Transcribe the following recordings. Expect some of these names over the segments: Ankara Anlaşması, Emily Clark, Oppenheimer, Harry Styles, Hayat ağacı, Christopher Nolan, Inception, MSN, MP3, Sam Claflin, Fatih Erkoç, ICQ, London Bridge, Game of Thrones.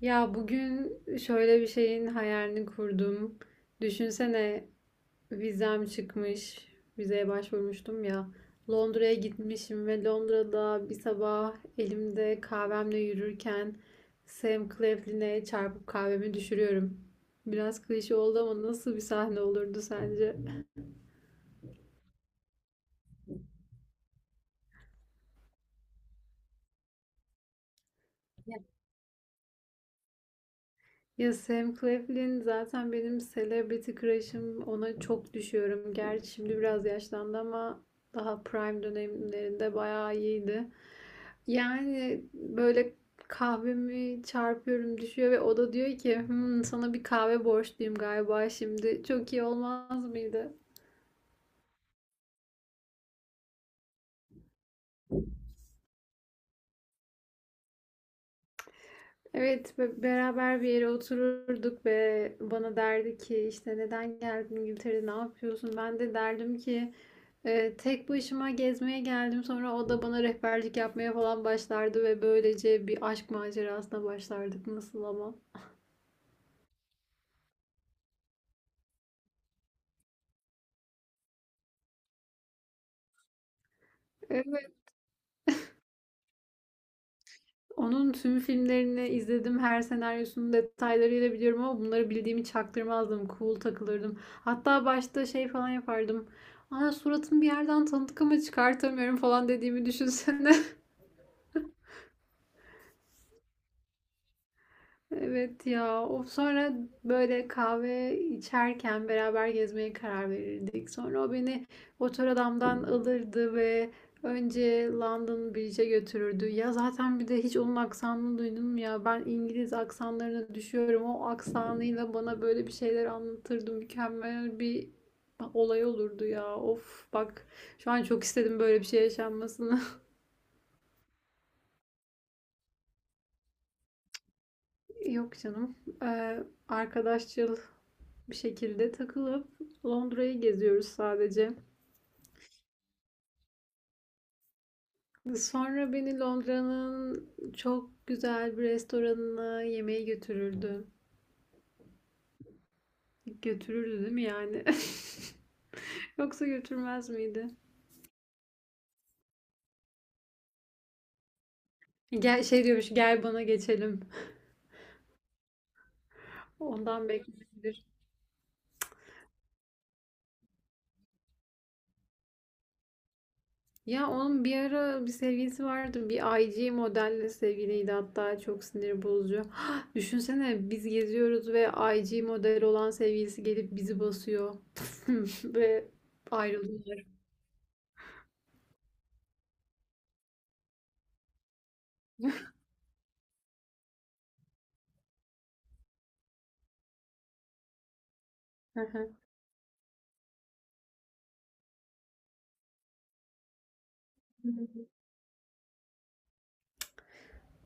Ya bugün şöyle bir şeyin hayalini kurdum. Düşünsene vizem çıkmış. Vizeye başvurmuştum ya. Londra'ya gitmişim ve Londra'da bir sabah elimde kahvemle yürürken Sam Claflin'e çarpıp kahvemi düşürüyorum. Biraz klişe oldu ama nasıl bir sahne olurdu sence? Ya Sam Claflin zaten benim celebrity crush'ım. Ona çok düşüyorum. Gerçi şimdi biraz yaşlandı ama daha prime dönemlerinde bayağı iyiydi. Yani böyle kahvemi çarpıyorum düşüyor ve o da diyor ki "Hmm, sana bir kahve borçluyum galiba şimdi. Çok iyi olmaz mıydı? Evet beraber bir yere otururduk ve bana derdi ki işte neden geldin İngiltere'de ne yapıyorsun? Ben de derdim ki tek başıma gezmeye geldim. Sonra o da bana rehberlik yapmaya falan başlardı ve böylece bir aşk macerasına başlardık. Nasıl ama? Evet. Onun tüm filmlerini izledim. Her senaryosunun detaylarıyla biliyorum ama bunları bildiğimi çaktırmazdım. Cool takılırdım. Hatta başta şey falan yapardım. Aa, suratını bir yerden tanıdık ama çıkartamıyorum falan dediğimi düşünsene. Evet ya. O sonra böyle kahve içerken beraber gezmeye karar verirdik. Sonra o beni otor adamdan alırdı ve önce London Bridge'e götürürdü. Ya zaten bir de hiç onun aksanını duydun mu ya? Ben İngiliz aksanlarına düşüyorum. O aksanıyla bana böyle bir şeyler anlatırdı. Mükemmel bir olay olurdu ya. Of bak, şu an çok istedim böyle bir şey yaşanmasını. Yok canım. Arkadaşçıl bir şekilde takılıp Londra'yı geziyoruz sadece. Sonra beni Londra'nın çok güzel bir restoranına yemeğe götürürdü. Götürürdü değil mi yani? Yoksa götürmez miydi? Gel şey diyormuş, gel bana geçelim. Ondan bekleyebilir. Ya onun bir ara bir sevgilisi vardı. Bir IG modelle sevgiliydi, hatta çok sinir bozucu. Düşünsene biz geziyoruz ve IG model olan sevgilisi gelip bizi basıyor. Ve ayrılıyor.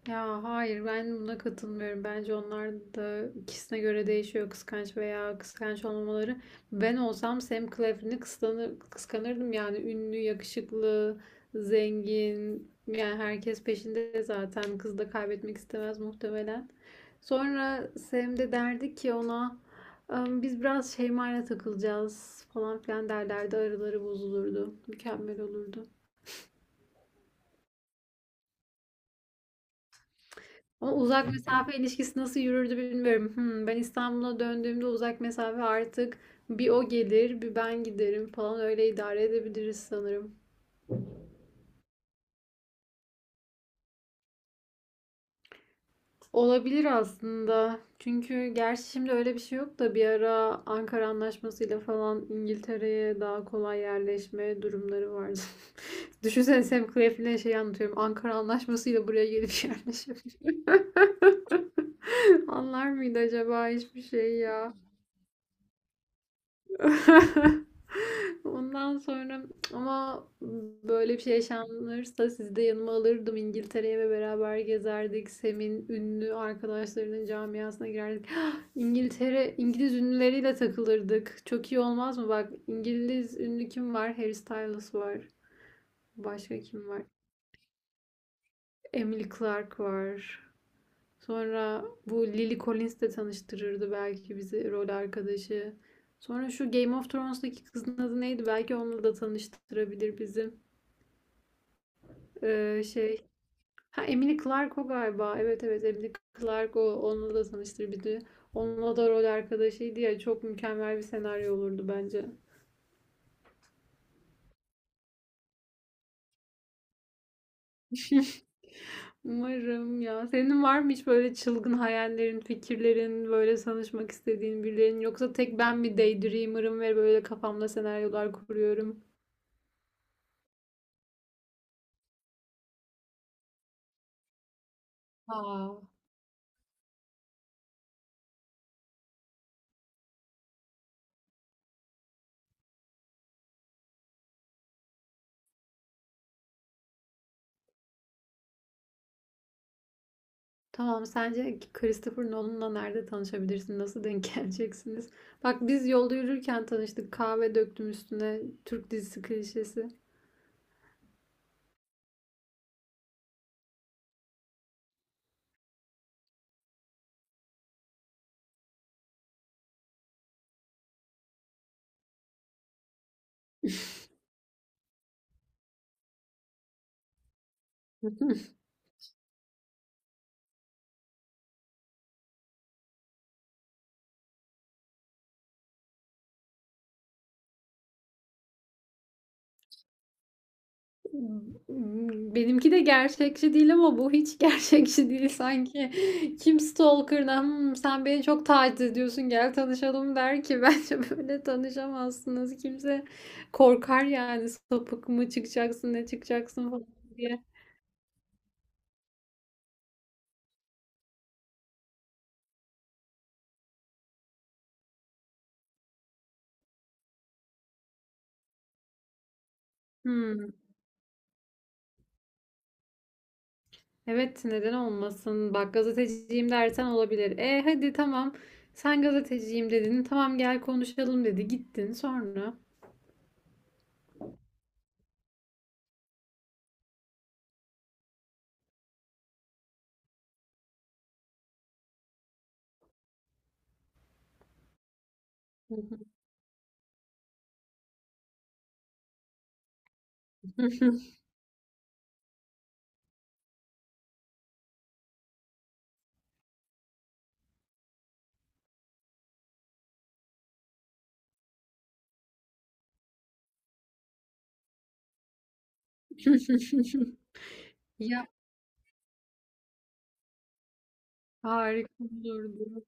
Ya hayır, ben buna katılmıyorum. Bence onlar da ikisine göre değişiyor, kıskanç veya kıskanç olmaları. Ben olsam Sam Claflin'i kıskanırdım yani; ünlü, yakışıklı, zengin. Yani herkes peşinde zaten. Kız da kaybetmek istemez muhtemelen. Sonra Sam de derdi ki ona "Am, biz biraz Şeyma'yla takılacağız falan filan" derlerdi. Araları bozulurdu. Mükemmel olurdu. Ama uzak mesafe ilişkisi nasıl yürürdü bilmiyorum. Hmm, ben İstanbul'a döndüğümde uzak mesafe artık bir o gelir, bir ben giderim falan, öyle idare edebiliriz sanırım. Olabilir aslında. Çünkü gerçi şimdi öyle bir şey yok da bir ara Ankara Anlaşması'yla falan İngiltere'ye daha kolay yerleşme durumları vardı. Düşünsene Sam Claflin'e şey anlatıyorum. Ankara Anlaşması'yla buraya gelip yerleşebiliyor. Anlar mıydı acaba hiçbir şey ya? Ondan sonra ama böyle bir şey yaşanırsa sizi de yanıma alırdım İngiltere'ye ve beraber gezerdik. Sem'in ünlü arkadaşlarının camiasına girerdik. İngiltere, İngiliz ünlüleriyle takılırdık. Çok iyi olmaz mı? Bak, İngiliz ünlü kim var? Harry Styles var. Başka kim var? Emily Clark var. Sonra bu Lily Collins de tanıştırırdı belki bizi, rol arkadaşı. Sonra şu Game of Thrones'daki kızın adı neydi? Belki onunla da tanıştırabilir bizi. Ee, şey. Ha, Emily Clark o galiba. Evet evet, Emily Clark o. Onunla da tanıştır bizi. Onunla da rol arkadaşıydı ya. Çok mükemmel bir senaryo olurdu bence. Umarım ya. Senin var mı hiç böyle çılgın hayallerin, fikirlerin, böyle tanışmak istediğin birilerinin? Yoksa tek ben mi daydreamer'ım ve böyle kafamda senaryolar kuruyorum? Aa. Tamam, sence Christopher Nolan'la nerede tanışabilirsin? Nasıl denk geleceksiniz? Bak, biz yolda yürürken tanıştık. Kahve döktüm üstüne. Türk dizisi klişesi. Benimki de gerçekçi değil ama bu hiç gerçekçi değil sanki. Kim stalker'ına "Hmm, sen beni çok taciz ediyorsun gel tanışalım" der ki? Bence böyle tanışamazsınız. Kimse korkar yani, sapık mı çıkacaksın ne çıkacaksın falan diye. Hmm. Evet, neden olmasın? Bak, gazeteciyim dersen olabilir. E hadi tamam. Sen gazeteciyim dedin. Tamam gel konuşalım dedi. Gittin sonra. Ya harika olurdu.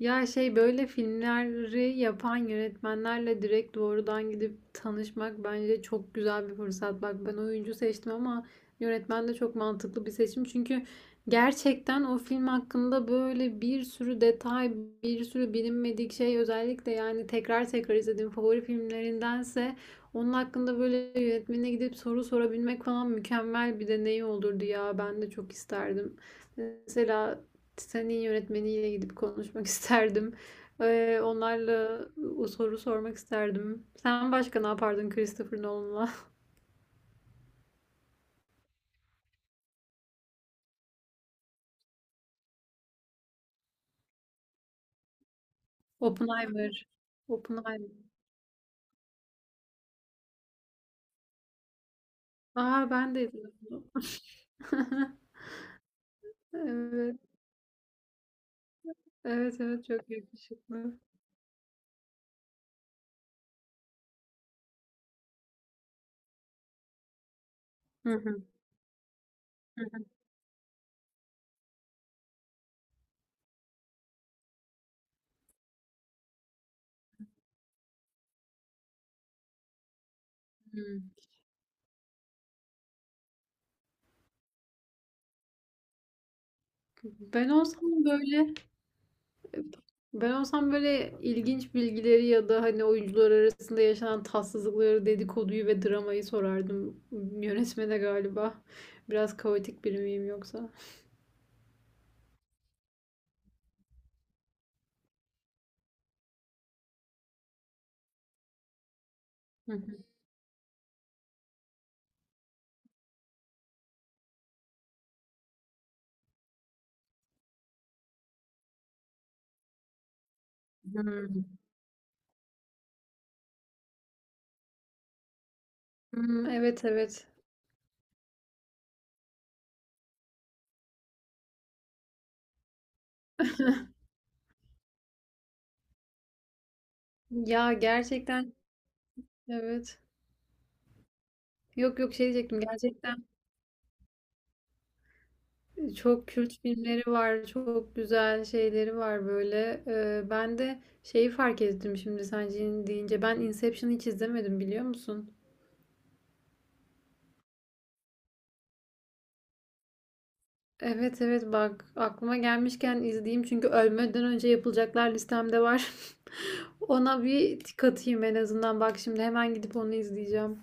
Ya şey, böyle filmleri yapan yönetmenlerle direkt doğrudan gidip tanışmak bence çok güzel bir fırsat. Bak, ben oyuncu seçtim ama yönetmen de çok mantıklı bir seçim. Çünkü gerçekten o film hakkında böyle bir sürü detay, bir sürü bilinmedik şey, özellikle yani tekrar tekrar izlediğim favori filmlerindense onun hakkında böyle yönetmenine gidip soru sorabilmek falan mükemmel bir deneyim olurdu ya. Ben de çok isterdim. Mesela senin yönetmeniyle gidip konuşmak isterdim. Onlarla o soru sormak isterdim. Sen başka ne yapardın Christopher Nolan'la? Oppenheimer. Oppenheimer. Aa, ben de izledim bunu. Evet. Evet evet, çok yakışıklı. Hı hı, hı hı. Ben olsam böyle Ben olsam böyle ilginç bilgileri ya da hani oyuncular arasında yaşanan tatsızlıkları, dedikoduyu ve dramayı sorardım yönetmene galiba. Biraz kaotik biri miyim yoksa? Hı hı. Hmm. Hmm, evet evet. Ya gerçekten, evet. Yok yok, şey diyecektim gerçekten. Çok kült filmleri var, çok güzel şeyleri var böyle. Ben de şeyi fark ettim şimdi sen deyince, ben Inception'ı hiç izlemedim biliyor musun? Evet evet, bak aklıma gelmişken izleyeyim, çünkü ölmeden önce yapılacaklar listemde var. Ona bir tik atayım en azından, bak şimdi hemen gidip onu izleyeceğim.